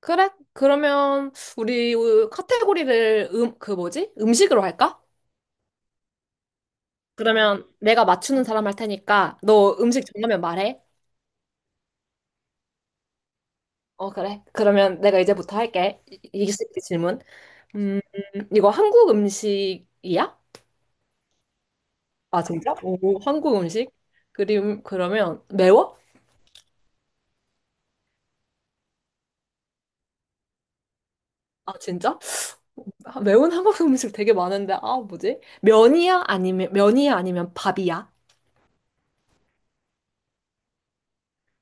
그래? 그러면 우리 카테고리를 그 뭐지? 음식으로 할까? 그러면 내가 맞추는 사람 할 테니까 너 음식 정하면 말해. 어, 그래. 그러면 내가 이제부터 할게. 이길 수 있게 질문. 음, 이거 한국 음식이야? 아, 진짜? 오, 한국 음식? 그림, 그러면 매워? 아, 진짜? 아, 매운 한국 음식 되게 많은데, 아, 뭐지? 면이야? 아니면, 면이야? 아니면 밥이야?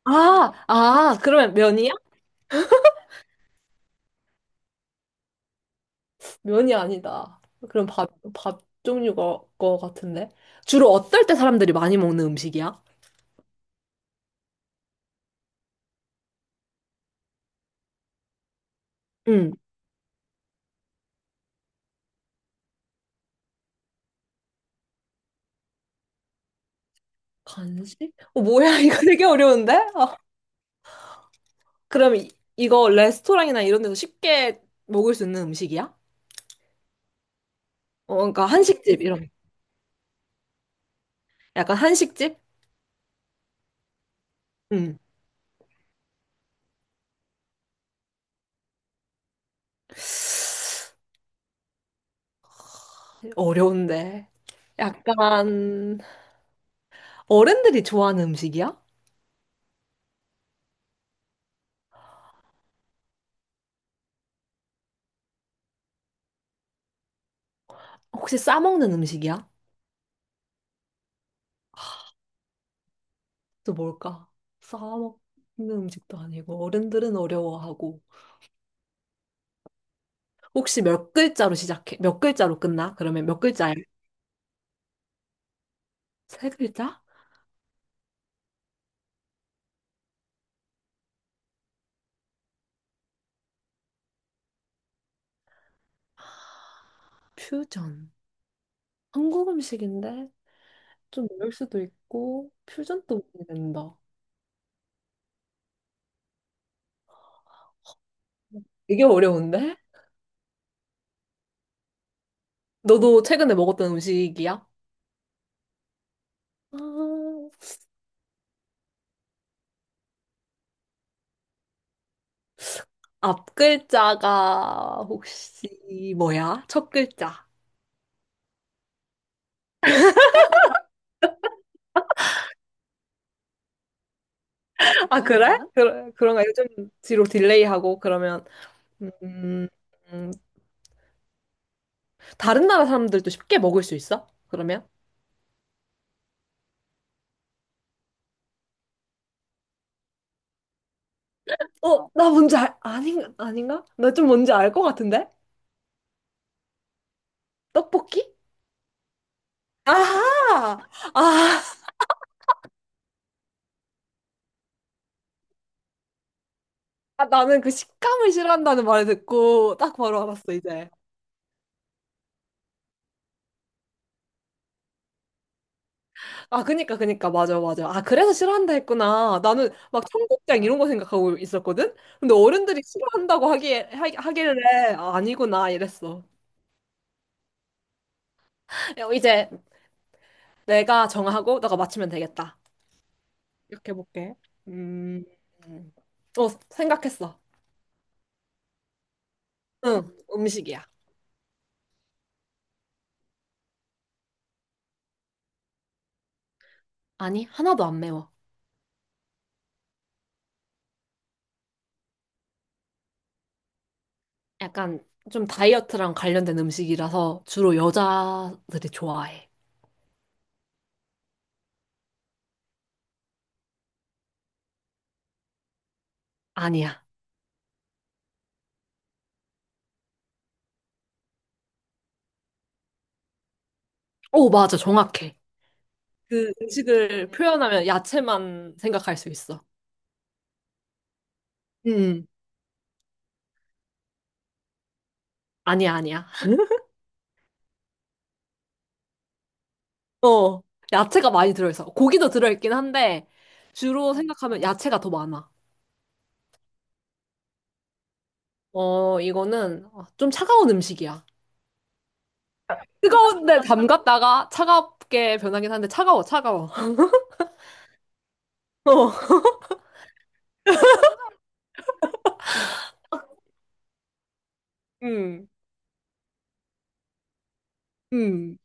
그러면 면이야? 면이 아니다. 그럼 밥, 밥 종류가 거 같은데? 주로 어떨 때 사람들이 많이 먹는 음식이야? 응. 간식? 어, 뭐야, 이거 되게 어려운데? 어. 그럼 이, 이거 레스토랑이나 이런 데서 쉽게 먹을 수 있는 음식이야? 어, 그러니까 한식집, 이런. 약간 한식집? 응. 어려운데. 약간 어른들이 좋아하는 음식이야? 혹시 싸먹는 음식이야? 또 뭘까? 싸먹는 음식도 아니고 어른들은 어려워하고. 혹시 몇 글자로 시작해? 몇 글자로 끝나? 그러면 몇 글자야? 세 글자? 퓨전. 한국 음식인데 좀 어려울 수도 있고 퓨전 또 모르겠다. 이게 어려운데? 너도 최근에 먹었던 음식이야? 아, 앞 글자가 혹시 뭐야? 첫 글자. 아, 그래? 그래, 그런가? 요즘 뒤로 딜레이하고 그러면 음, 음, 다른 나라 사람들도 쉽게 먹을 수 있어? 그러면? 어, 나 뭔지 알, 아닌가? 아닌가? 나 좀 뭔지 알 것 같은데? 떡볶이? 아하! 아, 나는 그 식감을 싫어한다는 말을 듣고 딱 바로 알았어, 이제. 아, 맞아, 맞아. 아, 그래서 싫어한다 했구나. 나는 막 청국장 이런 거 생각하고 있었거든? 근데 어른들이 싫어한다고 하기에, 하길래, 아, 아니구나, 이랬어. 야, 이제 내가 정하고 너가 맞추면 되겠다. 이렇게 해볼게. 음, 음. 어, 생각했어. 응, 음식이야. 아니, 하나도 안 매워. 약간 좀 다이어트랑 관련된 음식이라서 주로 여자들이 좋아해. 아니야. 오, 맞아. 정확해. 그 음식을 표현하면 야채만 생각할 수 있어. 음, 아니야, 아니야. 어, 야채가 많이 들어있어. 고기도 들어있긴 한데, 주로 생각하면 야채가 더 많아. 어, 이거는 좀 차가운 음식이야. 뜨거운데 담갔다가 차갑게 변하긴 한데, 차가워, 차가워. 어, 음, 음.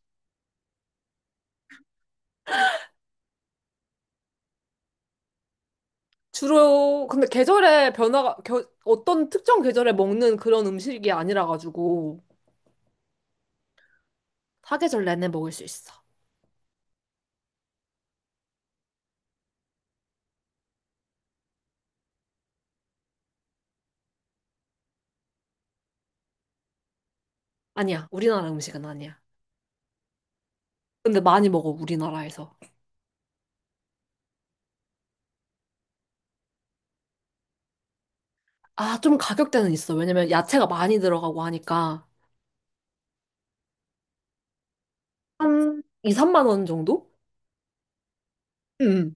주로 근데 계절에 변화가 어떤 특정 계절에 먹는 그런 음식이 아니라 가지고 사계절 내내 먹을 수 있어. 아니야. 우리나라 음식은 아니야. 근데 많이 먹어 우리나라에서. 아, 좀 가격대는 있어. 왜냐면 야채가 많이 들어가고 하니까 한 2, 3만 원 정도? 응,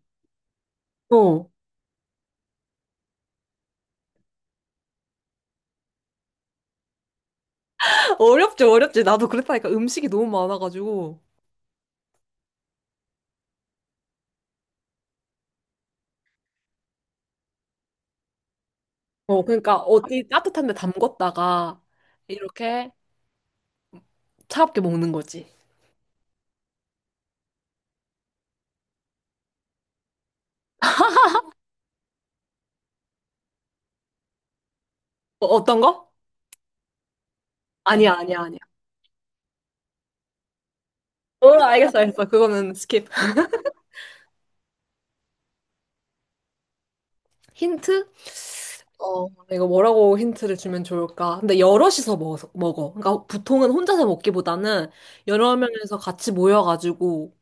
어. 어렵지, 어렵지. 나도 그랬다니까 음식이 너무 많아가지고. 어, 그러니까 어디 따뜻한 데 담궜다가 이렇게 차갑게 먹는 거지. 어, 어떤 거? 아니야, 아니야, 아니야. 어, 알겠어, 알겠어. 그거는 스킵. 힌트? 어, 이거 뭐라고 힌트를 주면 좋을까? 근데 여럿이서 먹어, 먹어. 그러니까 보통은 혼자서 먹기보다는 여러 명에서 같이 모여가지고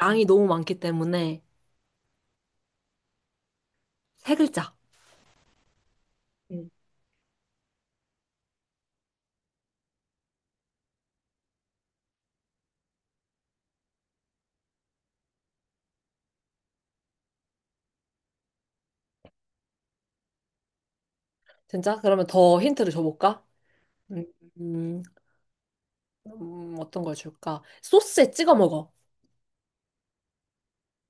양이 너무 많기 때문에 세 글자. 음. 진짜? 그러면 더 힌트를 줘볼까? 음, 음, 어떤 걸 줄까? 소스에 찍어 먹어.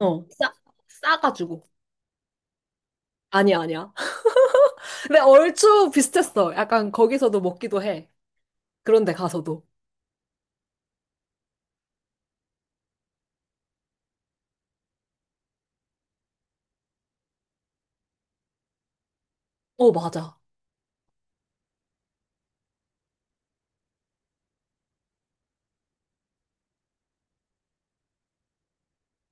어, 싸가지고. 아니야, 아니야. 근데 얼추 비슷했어. 약간 거기서도 먹기도 해. 그런데 가서도. 어, 맞아.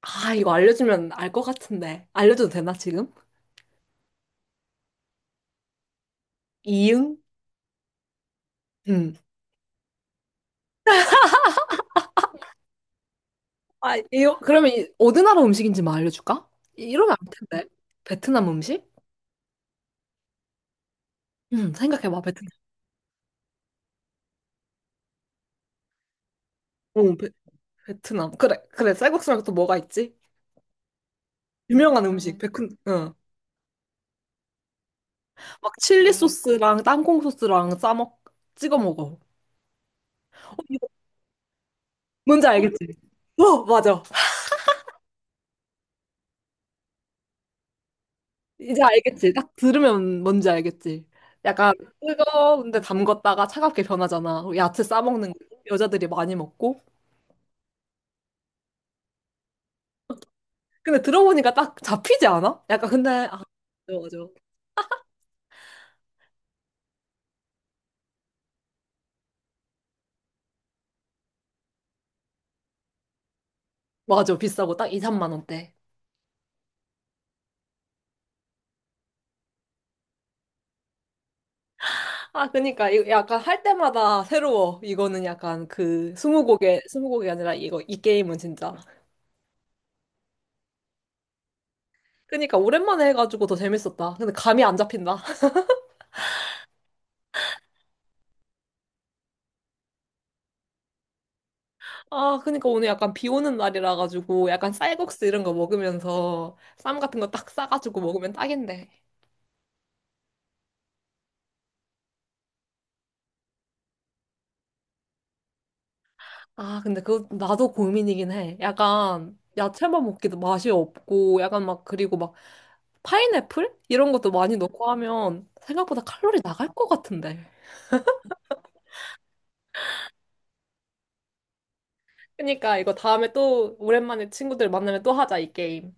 아, 이거 알려주면 알 것 같은데. 알려줘도 되나, 지금? 이응? 응. 아, 이거, 그러면 이, 어느 나라 음식인지 만 알려줄까? 이러면 안 텐데. 베트남 음식? 응, 생각해봐, 베트남. 응, 베트남. 그래, 그래, 쌀국수랑 또 뭐가 있지? 유명한 음식, 베큰, 응. 막 칠리 소스랑 땅콩 소스랑 찍어 먹어. 어, 이거 뭔지 알겠지? 어, 맞아. 이제 알겠지. 딱 들으면 뭔지 알겠지. 약간 뜨거운데 담궜다가 차갑게 변하잖아. 야채 싸먹는 거 여자들이 많이 먹고. 근데 들어보니까 딱 잡히지 않아? 약간 근데 아, 맞아. 비싸고 딱 2, 3만 원대. 아, 그니까 이거 약간 할 때마다 새로워. 이거는 약간 그 스무고개 아니라 이거 이 게임은 진짜. 그니까 오랜만에 해가지고 더 재밌었다. 근데 감이 안 잡힌다. 아, 그러니까 오늘 약간 비 오는 날이라 가지고 약간 쌀국수 이런 거 먹으면서 쌈 같은 거 딱 싸가지고 먹으면 딱인데. 아, 근데 그거 나도 고민이긴 해. 약간 야채만 먹기도 맛이 없고 약간 막 그리고 막 파인애플 이런 것도 많이 넣고 하면 생각보다 칼로리 나갈 것 같은데. 그러니까 이거 다음에 또 오랜만에 친구들 만나면 또 하자, 이 게임.